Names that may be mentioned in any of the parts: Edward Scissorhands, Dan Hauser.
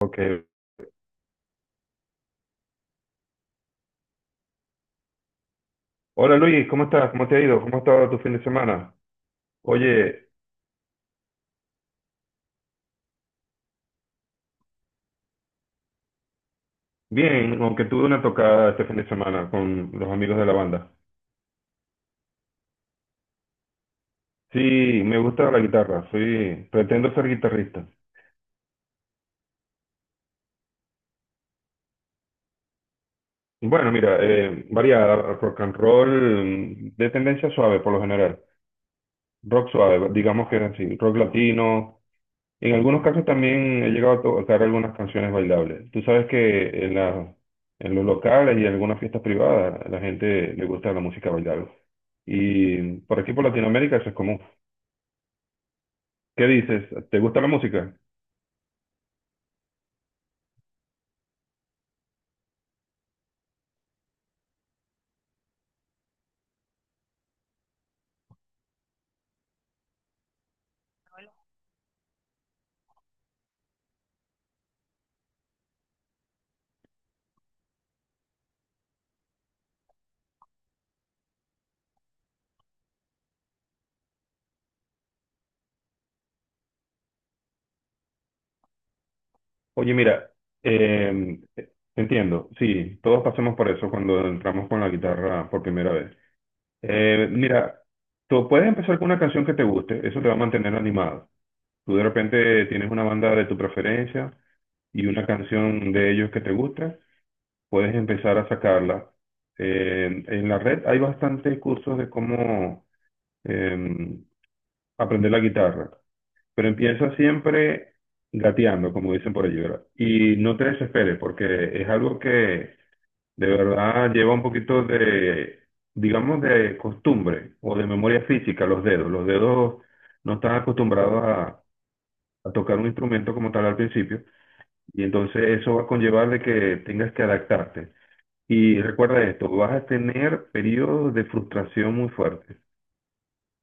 Ok. Hola Luis, ¿cómo estás? ¿Cómo te ha ido? ¿Cómo ha estado tu fin de semana? Oye, bien, aunque tuve una tocada este fin de semana con los amigos de la banda. Sí, me gusta la guitarra, soy, pretendo ser guitarrista. Bueno, mira, variada, rock and roll, mm, de tendencia suave por lo general, rock suave, digamos que era así, rock latino. En algunos casos también he llegado a tocar algunas canciones bailables. Tú sabes que en la- En los locales y en algunas fiestas privadas a la gente le gusta la música bailable. Y por aquí por Latinoamérica eso es común. ¿Qué dices? ¿Te gusta la música? Oye, mira, eh, entiendo, sí, todos pasamos por eso cuando entramos con la guitarra por primera vez. Mira, tú puedes empezar con una canción que te guste, eso te va a mantener animado. Tú de repente tienes una banda de tu preferencia y una canción de ellos que te gusta, puedes empezar a sacarla. En la red hay bastantes cursos de cómo eh, aprender la guitarra, pero empieza siempre gateando, como dicen por allí, ¿verdad? Y no te desesperes, porque es algo que de verdad lleva un poquito de, digamos, de costumbre o de memoria física, los dedos. Los dedos no están acostumbrados a tocar un instrumento como tal al principio, y entonces eso va a conllevar de que tengas que adaptarte. Y recuerda esto, vas a tener periodos de frustración muy fuertes.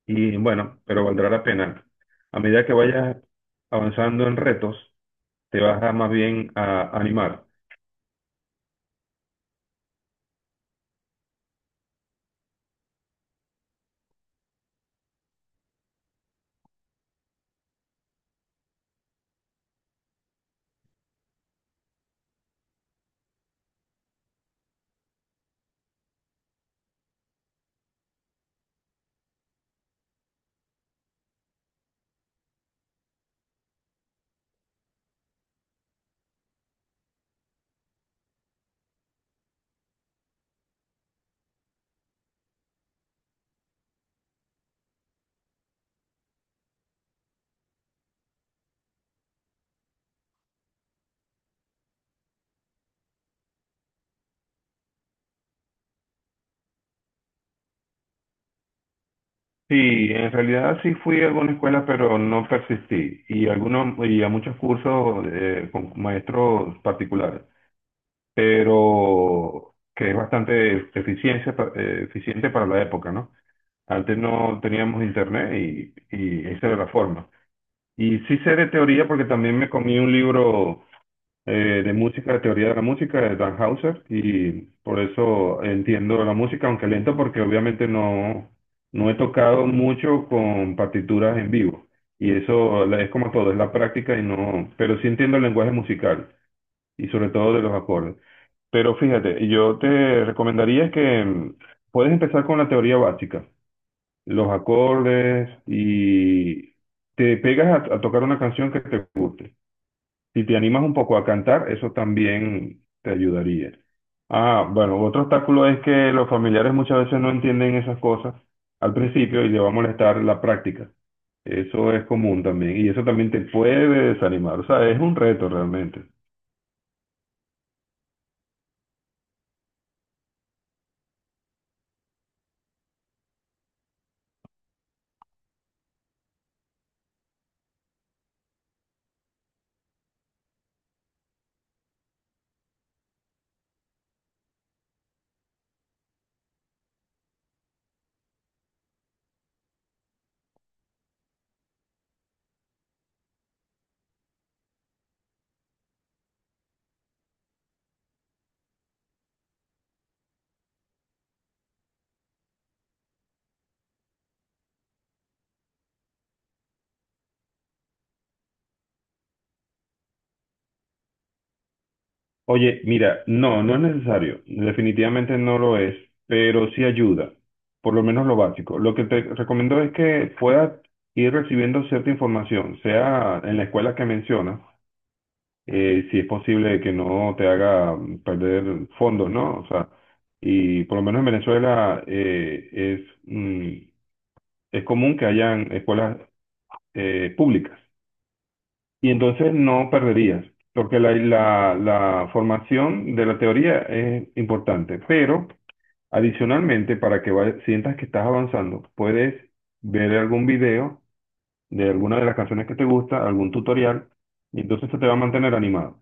Y bueno, pero valdrá la pena. A medida que vayas avanzando en retos, te vas a más bien a animar. Sí, en realidad sí fui a alguna escuela, pero no persistí. Y, algunos, y a muchos cursos con maestros particulares, pero que es bastante eficiencia, eficiente para la época, ¿no? Antes no teníamos internet y esa era la forma. Y sí sé de teoría porque también me comí un libro de música, de teoría de la música de Dan Hauser, y por eso entiendo la música, aunque lento, porque obviamente no, no he tocado mucho con partituras en vivo. Es como todo, es la práctica y no, pero sí entiendo el lenguaje musical y sobre todo de los acordes. Pero fíjate, yo te recomendaría que mm, puedes empezar con la teoría básica, los acordes, y te pegas a tocar una canción que te guste. Si te animas un poco a cantar, eso también te ayudaría. Ah, bueno, otro obstáculo es que los familiares muchas veces no entienden esas cosas al principio y les va a molestar la práctica. Eso es común también y eso también te puede desanimar. O sea, es un reto realmente. Oye, mira, no, no es necesario, definitivamente no lo es, pero sí ayuda, por lo menos lo básico. Lo que te recomiendo es que puedas ir recibiendo cierta información, sea en la escuela que mencionas, si es posible que no te haga perder fondos, ¿no? O sea, y por lo menos en Venezuela es, mm, es común que hayan escuelas públicas. Y entonces no perderías, porque la formación de la teoría es importante, pero adicionalmente, para que sientas que estás avanzando, puedes ver algún video de alguna de las canciones que te gusta, algún tutorial, y entonces eso te va a mantener animado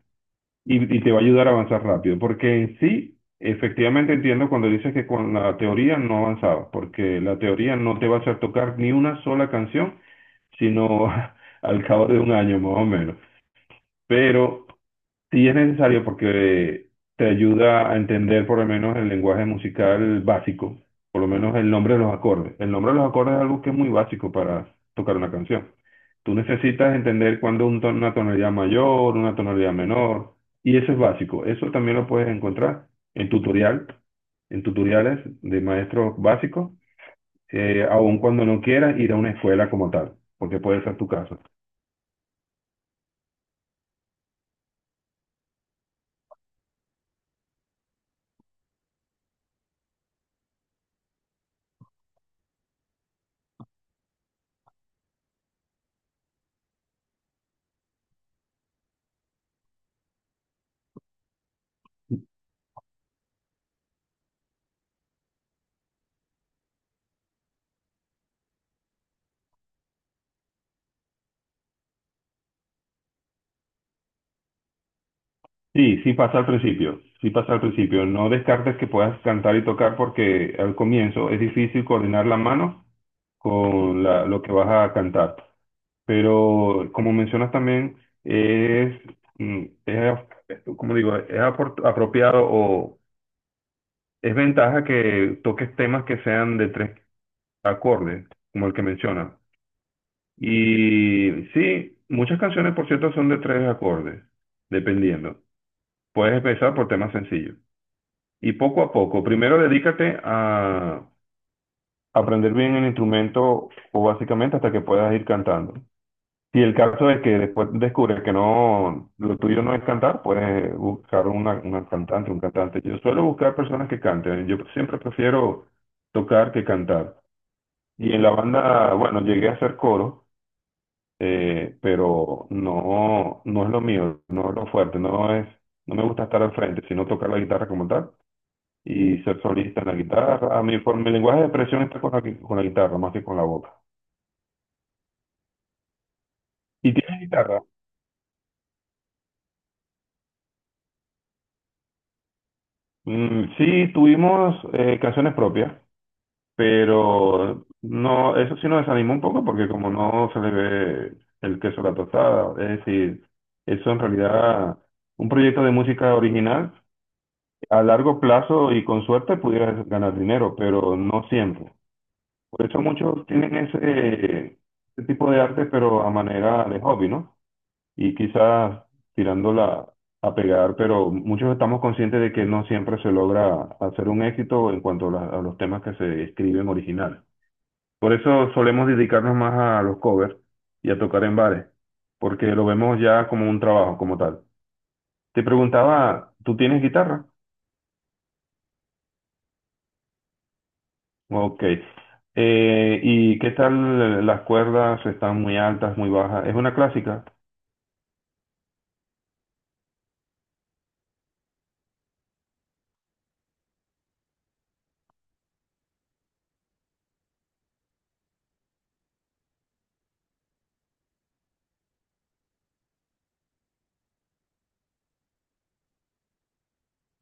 y te va a ayudar a avanzar rápido, porque en sí, efectivamente entiendo cuando dices que con la teoría no avanzabas, porque la teoría no te va a hacer tocar ni una sola canción, sino al cabo de un año más o menos. Pero sí es necesario porque te ayuda a entender por lo menos el lenguaje musical básico, por lo menos el nombre de los acordes. El nombre de los acordes es algo que es muy básico para tocar una canción. Tú necesitas entender cuándo una tonalidad mayor, una tonalidad menor, y eso es básico. Eso también lo puedes encontrar en tutorial, en tutoriales de maestros básicos, aun cuando no quieras ir a una escuela como tal, porque puede ser tu caso. Sí, sí pasa al principio, sí pasa al principio. No descartes que puedas cantar y tocar porque al comienzo es difícil coordinar la mano con lo que vas a cantar. Pero como mencionas también, es, mm, es como digo, es apropiado o es ventaja que toques temas que sean de tres acordes, como el que mencionas. Y sí, muchas canciones, por cierto, son de tres acordes, dependiendo. Puedes empezar por temas sencillos. Y poco a poco, primero dedícate a aprender bien el instrumento o básicamente hasta que puedas ir cantando. Si el caso es que después descubres que no, lo tuyo no es cantar, puedes buscar una cantante, un cantante. Yo suelo buscar personas que canten. Yo siempre prefiero tocar que cantar. Y en la banda, bueno, llegué a hacer coro, pero no, no es lo mío, no es lo fuerte, no es, no me gusta estar al frente, sino tocar la guitarra como tal y ser solista en la guitarra. A mí, por mi lenguaje de expresión está con con la guitarra, más que con la boca. ¿Y tienes guitarra? Mm, sí, tuvimos canciones propias, pero no, eso sí nos desanimó un poco porque como no se le ve el queso a la tostada, es decir, eso en realidad, un proyecto de música original, a largo plazo y con suerte pudieras ganar dinero, pero no siempre. Por eso muchos tienen ese, ese tipo de arte, pero a manera de hobby, ¿no? Y quizás tirándola a pegar, pero muchos estamos conscientes de que no siempre se logra hacer un éxito en cuanto a, la- a los temas que se escriben originales. Por eso solemos dedicarnos más a los covers y a tocar en bares, porque lo vemos ya como un trabajo, como tal. Te preguntaba, ¿tú tienes guitarra? Ok. ¿Y qué tal las cuerdas? ¿Están muy altas, muy bajas? ¿Es una clásica?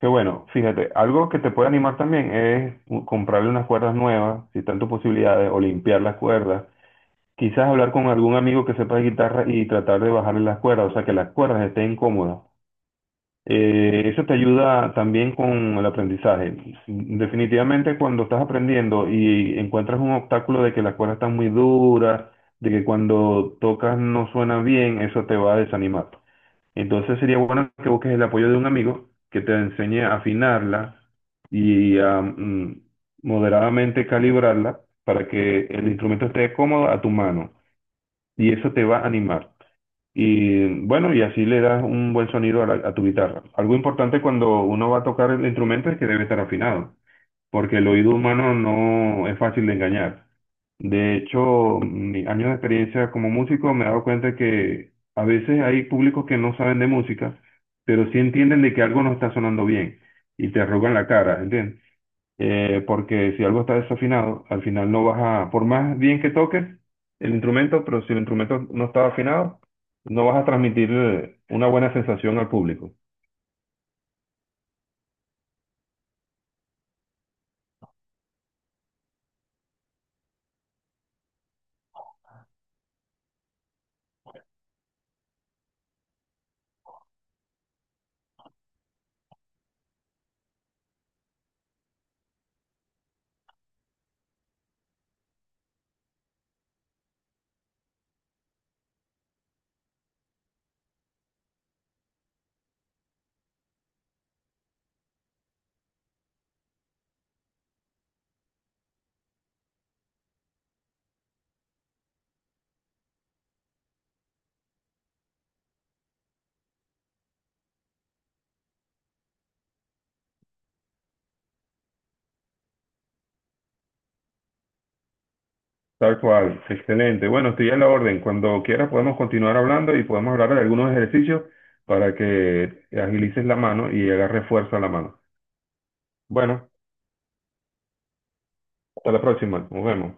Qué bueno, fíjate, algo que te puede animar también es comprarle unas cuerdas nuevas, si están tus posibilidades, o limpiar las cuerdas. Quizás hablar con algún amigo que sepa de guitarra y tratar de bajarle las cuerdas, o sea, que las cuerdas estén cómodas. Eso te ayuda también con el aprendizaje. Definitivamente cuando estás aprendiendo y encuentras un obstáculo de que las cuerdas están muy duras, de que cuando tocas no suena bien, eso te va a desanimar. Entonces sería bueno que busques el apoyo de un amigo que te enseñe a afinarla y a mm, moderadamente calibrarla para que el instrumento esté cómodo a tu mano y eso te va a animar. Y bueno, y así le das un buen sonido a, la- a tu guitarra. Algo importante cuando uno va a tocar el instrumento es que debe estar afinado porque el oído humano no es fácil de engañar. De hecho, mi años de experiencia como músico me he dado cuenta que a veces hay públicos que no saben de música, pero sí entienden de que algo no está sonando bien y te arrugan la cara, ¿entiendes? Porque si algo está desafinado, al final no vas a, por más bien que toques el instrumento, pero si el instrumento no está afinado, no vas a transmitir una buena sensación al público. Tal cual, excelente. Bueno, estoy a la orden. Cuando quieras podemos continuar hablando y podemos hablar de algunos ejercicios para que agilices la mano y agarres fuerza a la mano. Bueno, hasta la próxima. Nos vemos.